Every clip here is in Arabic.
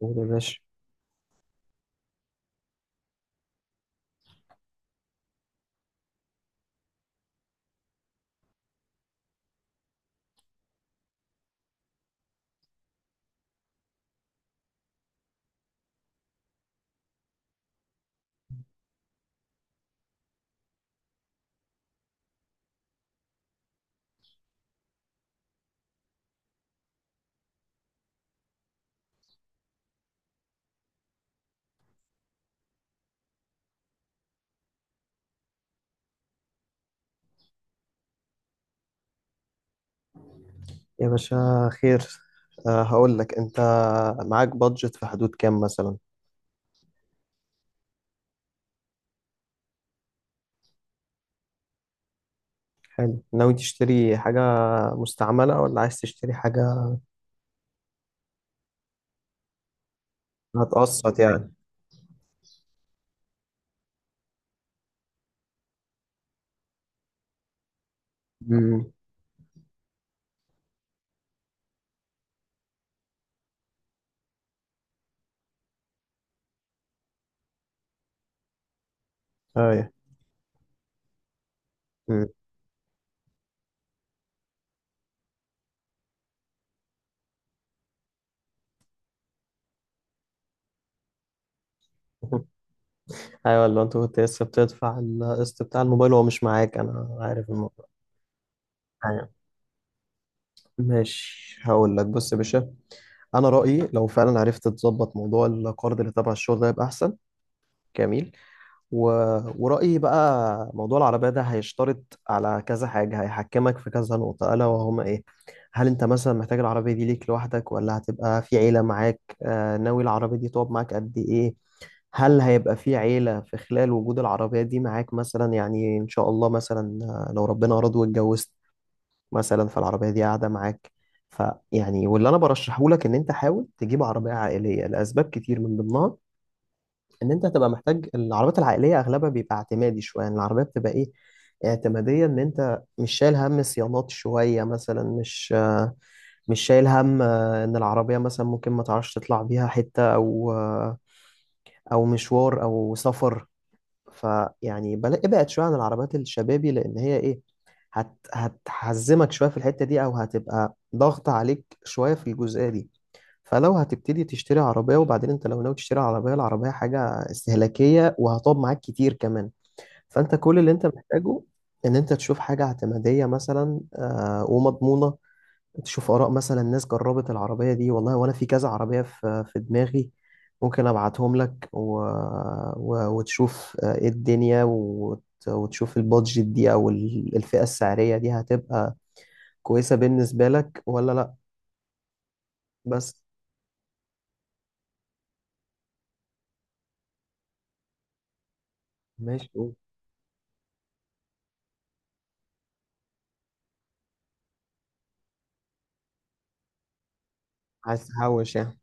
قول يا باشا. يا باشا خير. هقول لك انت، معاك بادجت في حدود كام مثلا؟ حلو. ناوي تشتري حاجة مستعملة ولا عايز تشتري حاجة؟ هتقسط يعني؟ امم ايوه. مم. ايوه، ولا انت كنت لسه بتدفع القسط بتاع الموبايل وهو مش معاك؟ انا عارف الموضوع. ايوه. ماشي، هقول لك، بص يا باشا، انا رأيي لو فعلا عرفت تظبط موضوع القرض اللي تبع الشغل ده يبقى احسن. جميل. و... ورأيي بقى موضوع العربية ده هيشترط على كذا حاجة، هيحكمك في كذا نقطة، ألا وهما إيه. هل أنت مثلا محتاج العربية دي ليك لوحدك ولا هتبقى في عيلة معاك؟ آه، ناوي العربية دي تقعد معاك قد إيه؟ هل هيبقى في عيلة في خلال وجود العربية دي معاك؟ مثلا يعني إن شاء الله، مثلا لو ربنا أراد واتجوزت مثلا، فالعربية دي قاعدة معاك. فيعني، واللي أنا برشحه لك إن أنت حاول تجيب عربية عائلية لأسباب كتير، من ضمنها ان انت هتبقى محتاج العربيات العائليه، اغلبها بيبقى اعتمادي شويه، يعني العربيه بتبقى ايه، اعتماديه، ان انت مش شايل هم صيانات شويه، مثلا مش شايل هم، ان العربيه مثلا ممكن ما تعرفش تطلع بيها حته او او مشوار او سفر. فيعني ابعد شويه عن العربيات الشبابي، لان هي ايه، هتحزمك شويه في الحته دي، او هتبقى ضغط عليك شويه في الجزئيه دي. فلو هتبتدي تشتري عربية، وبعدين انت لو ناوي تشتري عربية، العربية حاجة استهلاكية وهتقعد معاك كتير كمان. فانت كل اللي انت محتاجه ان انت تشوف حاجة اعتمادية مثلا، ومضمونة. تشوف آراء مثلا ناس جربت العربية دي. والله وانا في كذا عربية في دماغي، ممكن ابعتهم لك، وتشوف ايه الدنيا، وتشوف البادجت دي او الفئة السعرية دي هتبقى كويسة بالنسبة لك ولا لا. بس ماشي. عايز تحوش يعني؟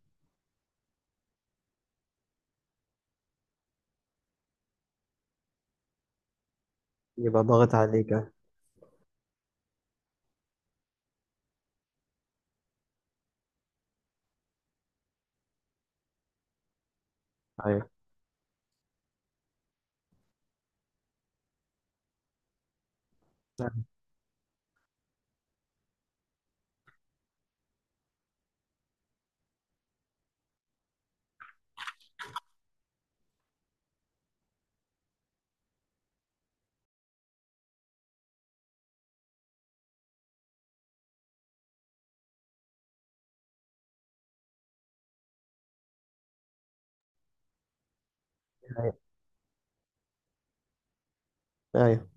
يبقى ضاغط عليك، أه. ايوه. ايوه. ايوه.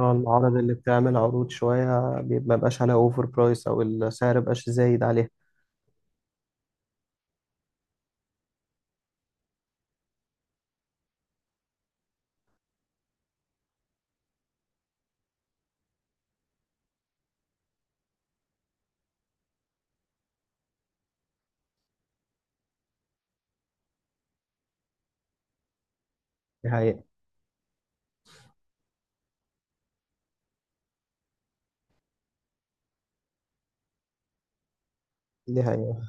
هو المعارض اللي بتعمل عروض شوية ما بقاش عليها اوفر برايس، او السعر مبقاش زايد عليها. دي حقيقة. دي حقيقة.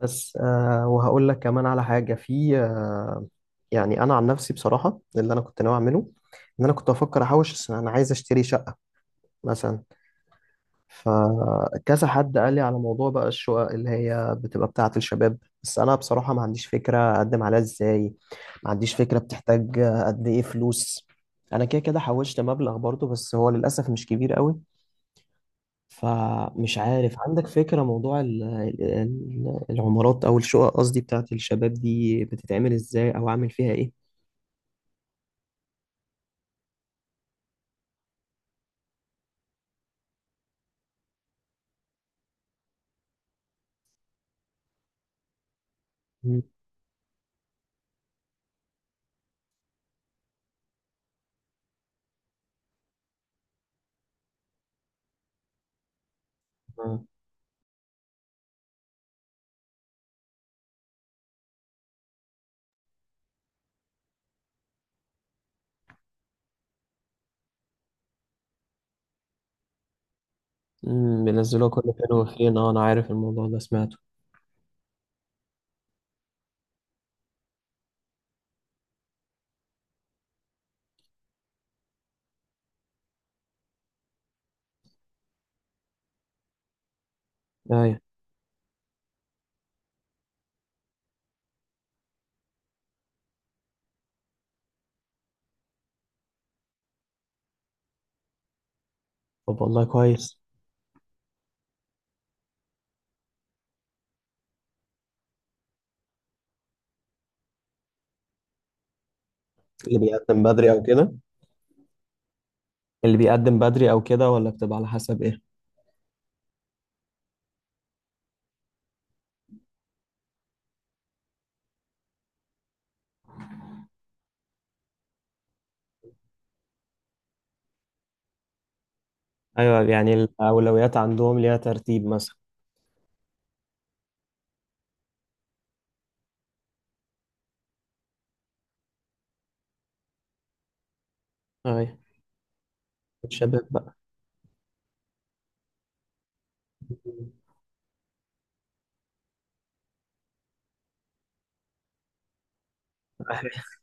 بس آه، وهقول لك كمان على حاجة، في آه، يعني انا عن نفسي بصراحة اللي انا كنت ناوي اعمله ان انا كنت افكر احوش، أصل انا عايز اشتري شقة مثلا. فكذا حد قال لي على موضوع بقى الشقق اللي هي بتبقى بتاعة الشباب، بس أنا بصراحة ما عنديش فكرة أقدم عليها إزاي، ما عنديش فكرة بتحتاج قد إيه فلوس. أنا كده كده حوشت مبلغ برضه، بس هو للأسف مش كبير قوي. فمش عارف عندك فكرة موضوع العمارات أو الشقق، قصدي بتاعة الشباب دي، بتتعمل إزاي أو أعمل فيها إيه؟ مم. آه. مم، بينزلوها كل فين وفين، أه أنا عارف الموضوع ده، سمعته. أيوة. طب والله كويس. اللي بيقدم بدري أو كده؟ اللي بيقدم بدري او كده ولا بتبقى على حسب ايه؟ ايوه، يعني الاولويات عندهم ليها ترتيب مثلا؟ ايوه. الشباب بقى.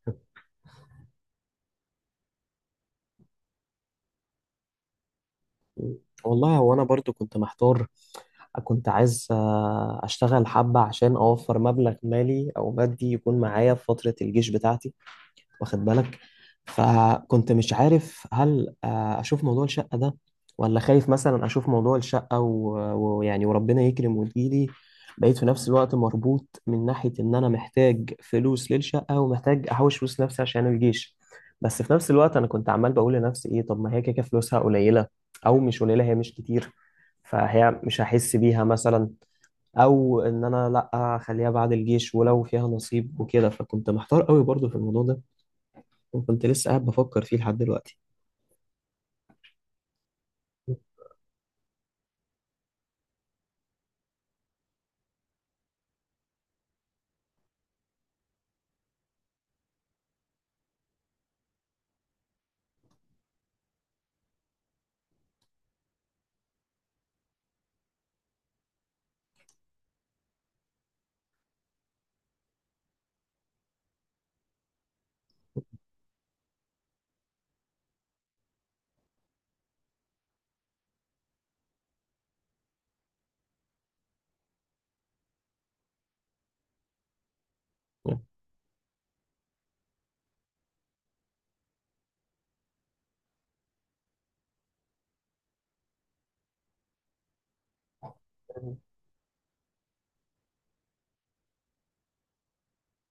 والله هو انا برضو كنت محتار، كنت عايز اشتغل حبة عشان اوفر مبلغ مالي او مادي يكون معايا في فترة الجيش بتاعتي، واخد بالك؟ فكنت مش عارف هل اشوف موضوع الشقة ده، ولا خايف مثلا اشوف موضوع الشقة ويعني وربنا يكرم وتجيلي، بقيت في نفس الوقت مربوط من ناحية ان انا محتاج فلوس للشقة ومحتاج احوش فلوس لنفسي عشان الجيش. بس في نفس الوقت انا كنت عمال بقول لنفسي ايه، طب ما هي كده كده فلوسها قليلة، او مش قليلة، هي مش كتير، فهي مش هحس بيها مثلا. او ان انا لا، اخليها بعد الجيش ولو فيها نصيب وكده. فكنت محتار قوي برضو في الموضوع ده، وكنت لسه قاعد بفكر فيه لحد دلوقتي.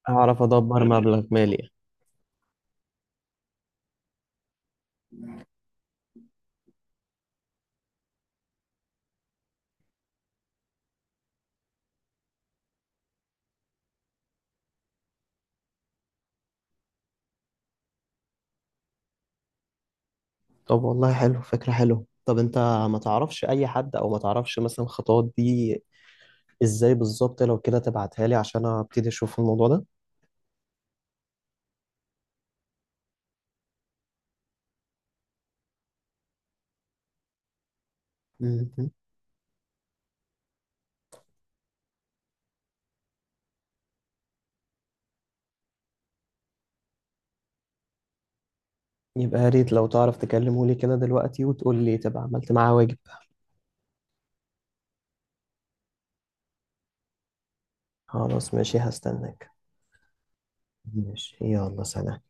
هعرف أدبر مبلغ مالي. طب والله حلو، فكرة حلوة. طب أنت ما تعرفش أي حد، أو ما تعرفش مثلا الخطوات دي إزاي بالظبط؟ لو كده تبعتها لي عشان أبتدي أشوف الموضوع ده. مهم. يبقى يا ريت لو تعرف تكلمه لي كده دلوقتي وتقول لي، تبقى عملت معاه واجب. خلاص ماشي، هستناك. ماشي، يلا سلام.